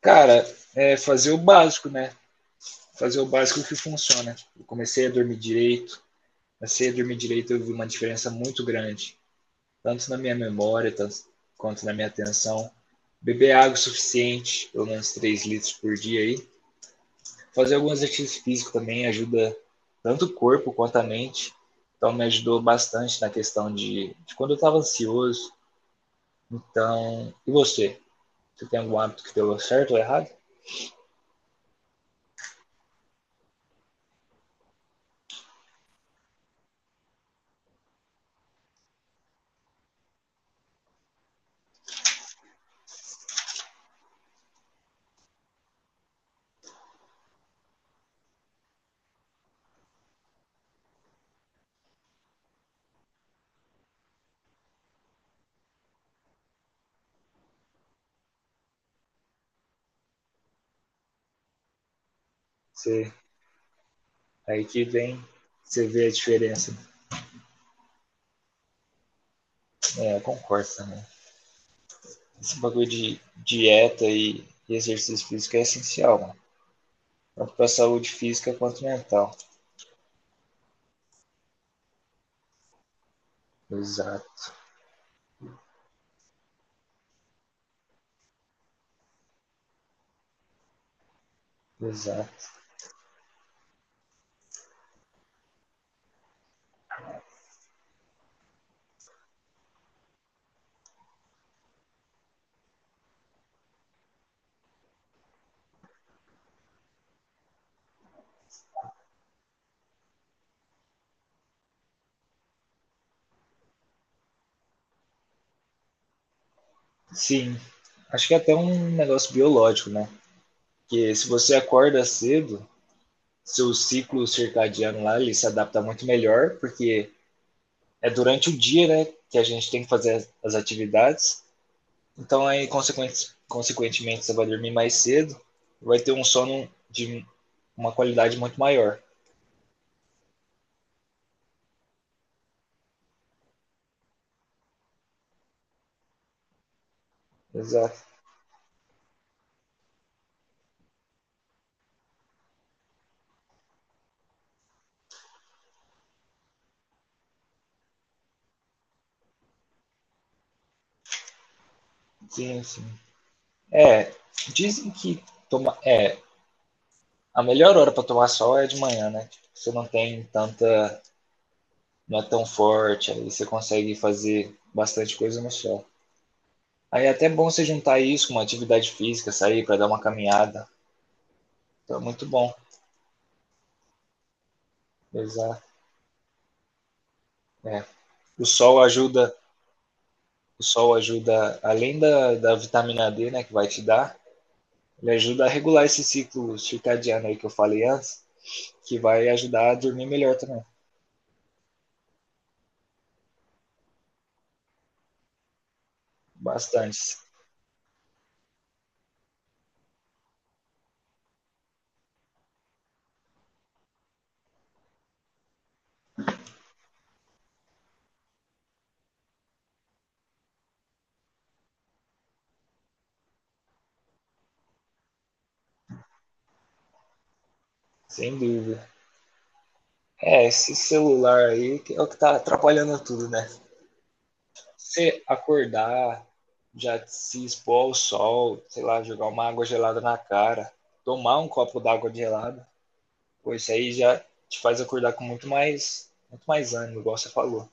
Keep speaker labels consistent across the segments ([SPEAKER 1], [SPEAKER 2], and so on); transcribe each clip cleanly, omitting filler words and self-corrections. [SPEAKER 1] Cara, é fazer o básico, né? Fazer o básico que funciona. Eu comecei a dormir direito. Comecei a dormir direito, eu vi uma diferença muito grande, tanto na minha memória quanto na minha atenção. Beber água o suficiente, pelo menos 3 litros por dia aí. Fazer alguns exercícios físicos também ajuda tanto o corpo quanto a mente. Então me ajudou bastante na questão de quando eu estava ansioso. Então, e você? Você tem algum hábito que deu certo ou errado? Você Aí que vem, você vê a diferença. É, eu concordo também. Esse bagulho de dieta e exercício físico é essencial, mano. Tanto para saúde física quanto mental. Exato, exato. Sim, acho que é até um negócio biológico, né? Que se você acorda cedo, seu ciclo circadiano lá ele se adapta muito melhor, porque é durante o dia, né, que a gente tem que fazer as atividades. Então, aí, consequentemente, você vai dormir mais cedo e vai ter um sono de uma qualidade muito maior. Exato. Sim, sim. É, dizem que toma, é, a melhor hora para tomar sol é de manhã, né? Tipo, você não tem tanta. Não é tão forte, aí você consegue fazer bastante coisa no sol. Aí é até bom você juntar isso com uma atividade física, sair para dar uma caminhada. Então é muito bom. Exato. É. O sol ajuda o sol ajuda, além da vitamina D, né, que vai te dar, ele ajuda a regular esse ciclo circadiano aí que eu falei antes, que vai ajudar a dormir melhor também, bastante, sem dúvida. É, esse celular aí que é o que tá atrapalhando tudo, né? Você acordar, já se expor ao sol, sei lá, jogar uma água gelada na cara, tomar um copo d'água gelada, pô, isso aí já te faz acordar com muito mais ânimo, igual você falou.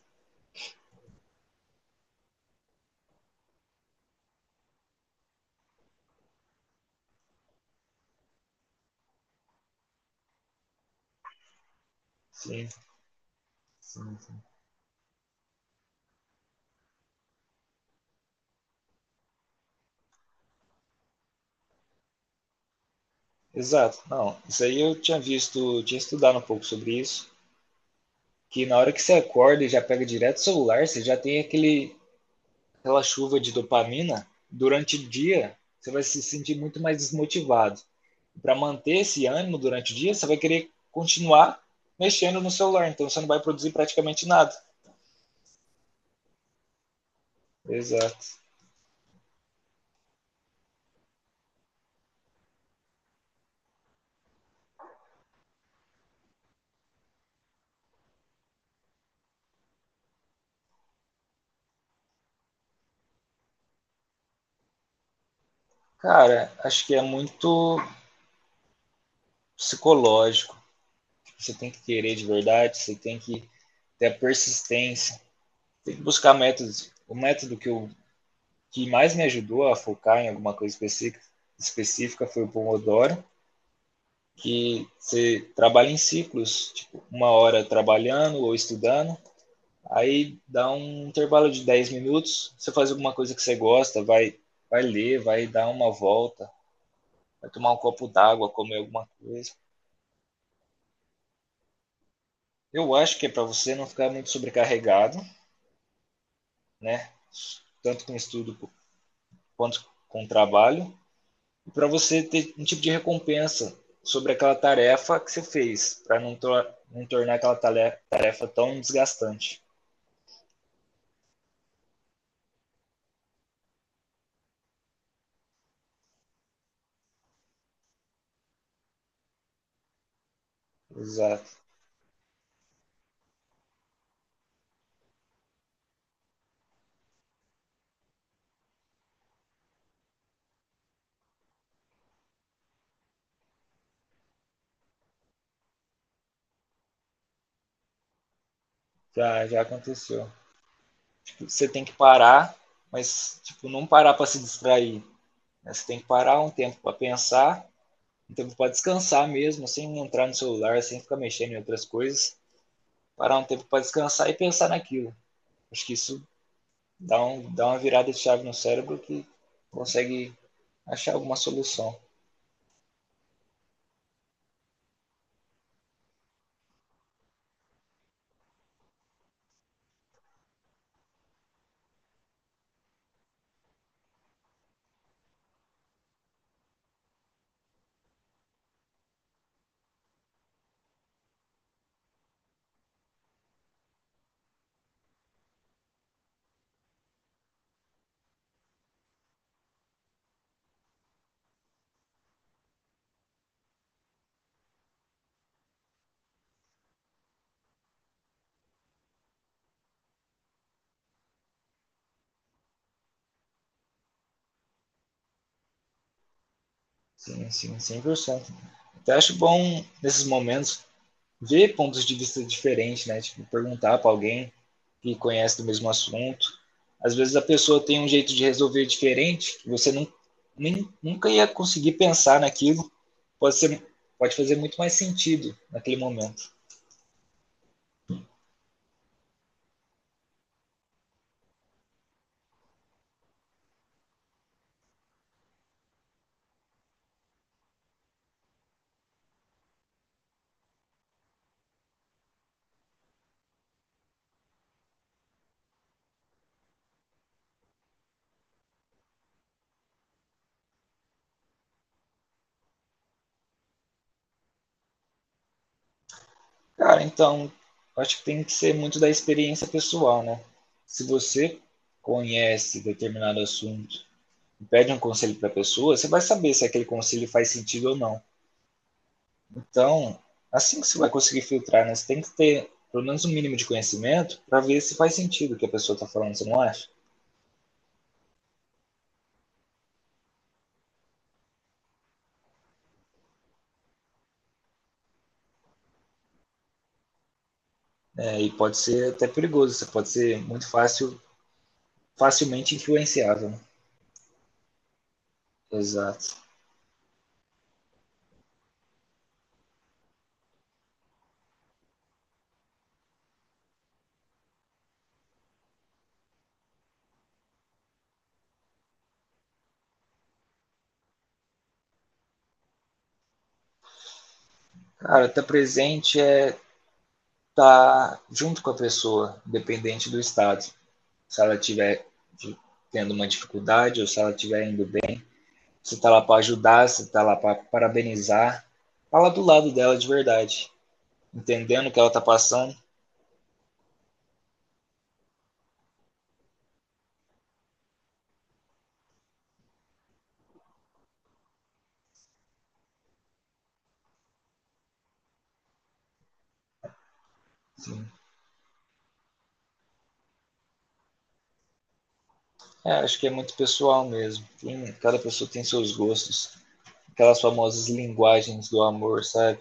[SPEAKER 1] Sim, sim. Exato. Não, isso aí eu tinha visto, tinha estudado um pouco sobre isso, que na hora que você acorda e já pega direto o celular, você já tem aquela chuva de dopamina. Durante o dia, você vai se sentir muito mais desmotivado. Para manter esse ânimo durante o dia, você vai querer continuar mexendo no celular, então você não vai produzir praticamente nada. Exato. Cara, acho que é muito psicológico. Você tem que querer de verdade, você tem que ter a persistência. Tem que buscar métodos. O método que mais me ajudou a focar em alguma coisa específica foi o Pomodoro, que você trabalha em ciclos, tipo, 1 hora trabalhando ou estudando, aí dá um intervalo de 10 minutos, você faz alguma coisa que você gosta, vai ler, vai dar uma volta, vai tomar um copo d'água, comer alguma coisa. Eu acho que é para você não ficar muito sobrecarregado, né? Tanto com estudo quanto com trabalho, e para você ter um tipo de recompensa sobre aquela tarefa que você fez, para não tornar aquela tarefa tão desgastante. Exato. Já, já aconteceu. Tipo, você tem que parar, mas tipo, não parar para se distrair. Né? Você tem que parar um tempo para pensar, um tempo para descansar mesmo, sem entrar no celular, sem ficar mexendo em outras coisas. Parar um tempo para descansar e pensar naquilo. Acho que isso dá uma virada de chave no cérebro que consegue achar alguma solução. Sim, sim, 100%. Então, eu acho bom, nesses momentos, ver pontos de vista diferentes, né? Tipo, perguntar para alguém que conhece do mesmo assunto. Às vezes a pessoa tem um jeito de resolver diferente, que você não, nem, nunca ia conseguir pensar naquilo. Pode ser, pode fazer muito mais sentido naquele momento. Cara, então, eu acho que tem que ser muito da experiência pessoal, né? Se você conhece determinado assunto e pede um conselho para a pessoa, você vai saber se aquele conselho faz sentido ou não. Então, assim que você vai conseguir filtrar, né? Você tem que ter pelo menos um mínimo de conhecimento para ver se faz sentido o que a pessoa está falando, você não acha? É, e pode ser até perigoso, você pode ser muito fácil, facilmente influenciável. Né? Exato. Cara, estar presente é estar tá junto com a pessoa, dependente do estado. Se ela tiver tendo uma dificuldade ou se ela estiver indo. Você está lá para ajudar, você está lá para parabenizar. Fala do lado dela de verdade, entendendo o que ela está passando. É, acho que é muito pessoal mesmo. Cada pessoa tem seus gostos. Aquelas famosas linguagens do amor, sabe?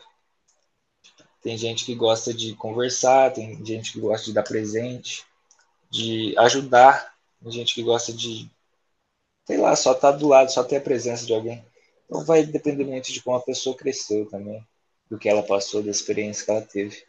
[SPEAKER 1] Tem gente que gosta de conversar, tem gente que gosta de dar presente, de ajudar, tem gente que gosta de, sei lá, só estar do lado, só ter a presença de alguém. Então vai depender muito de como a pessoa cresceu também, do que ela passou, da experiência que ela teve.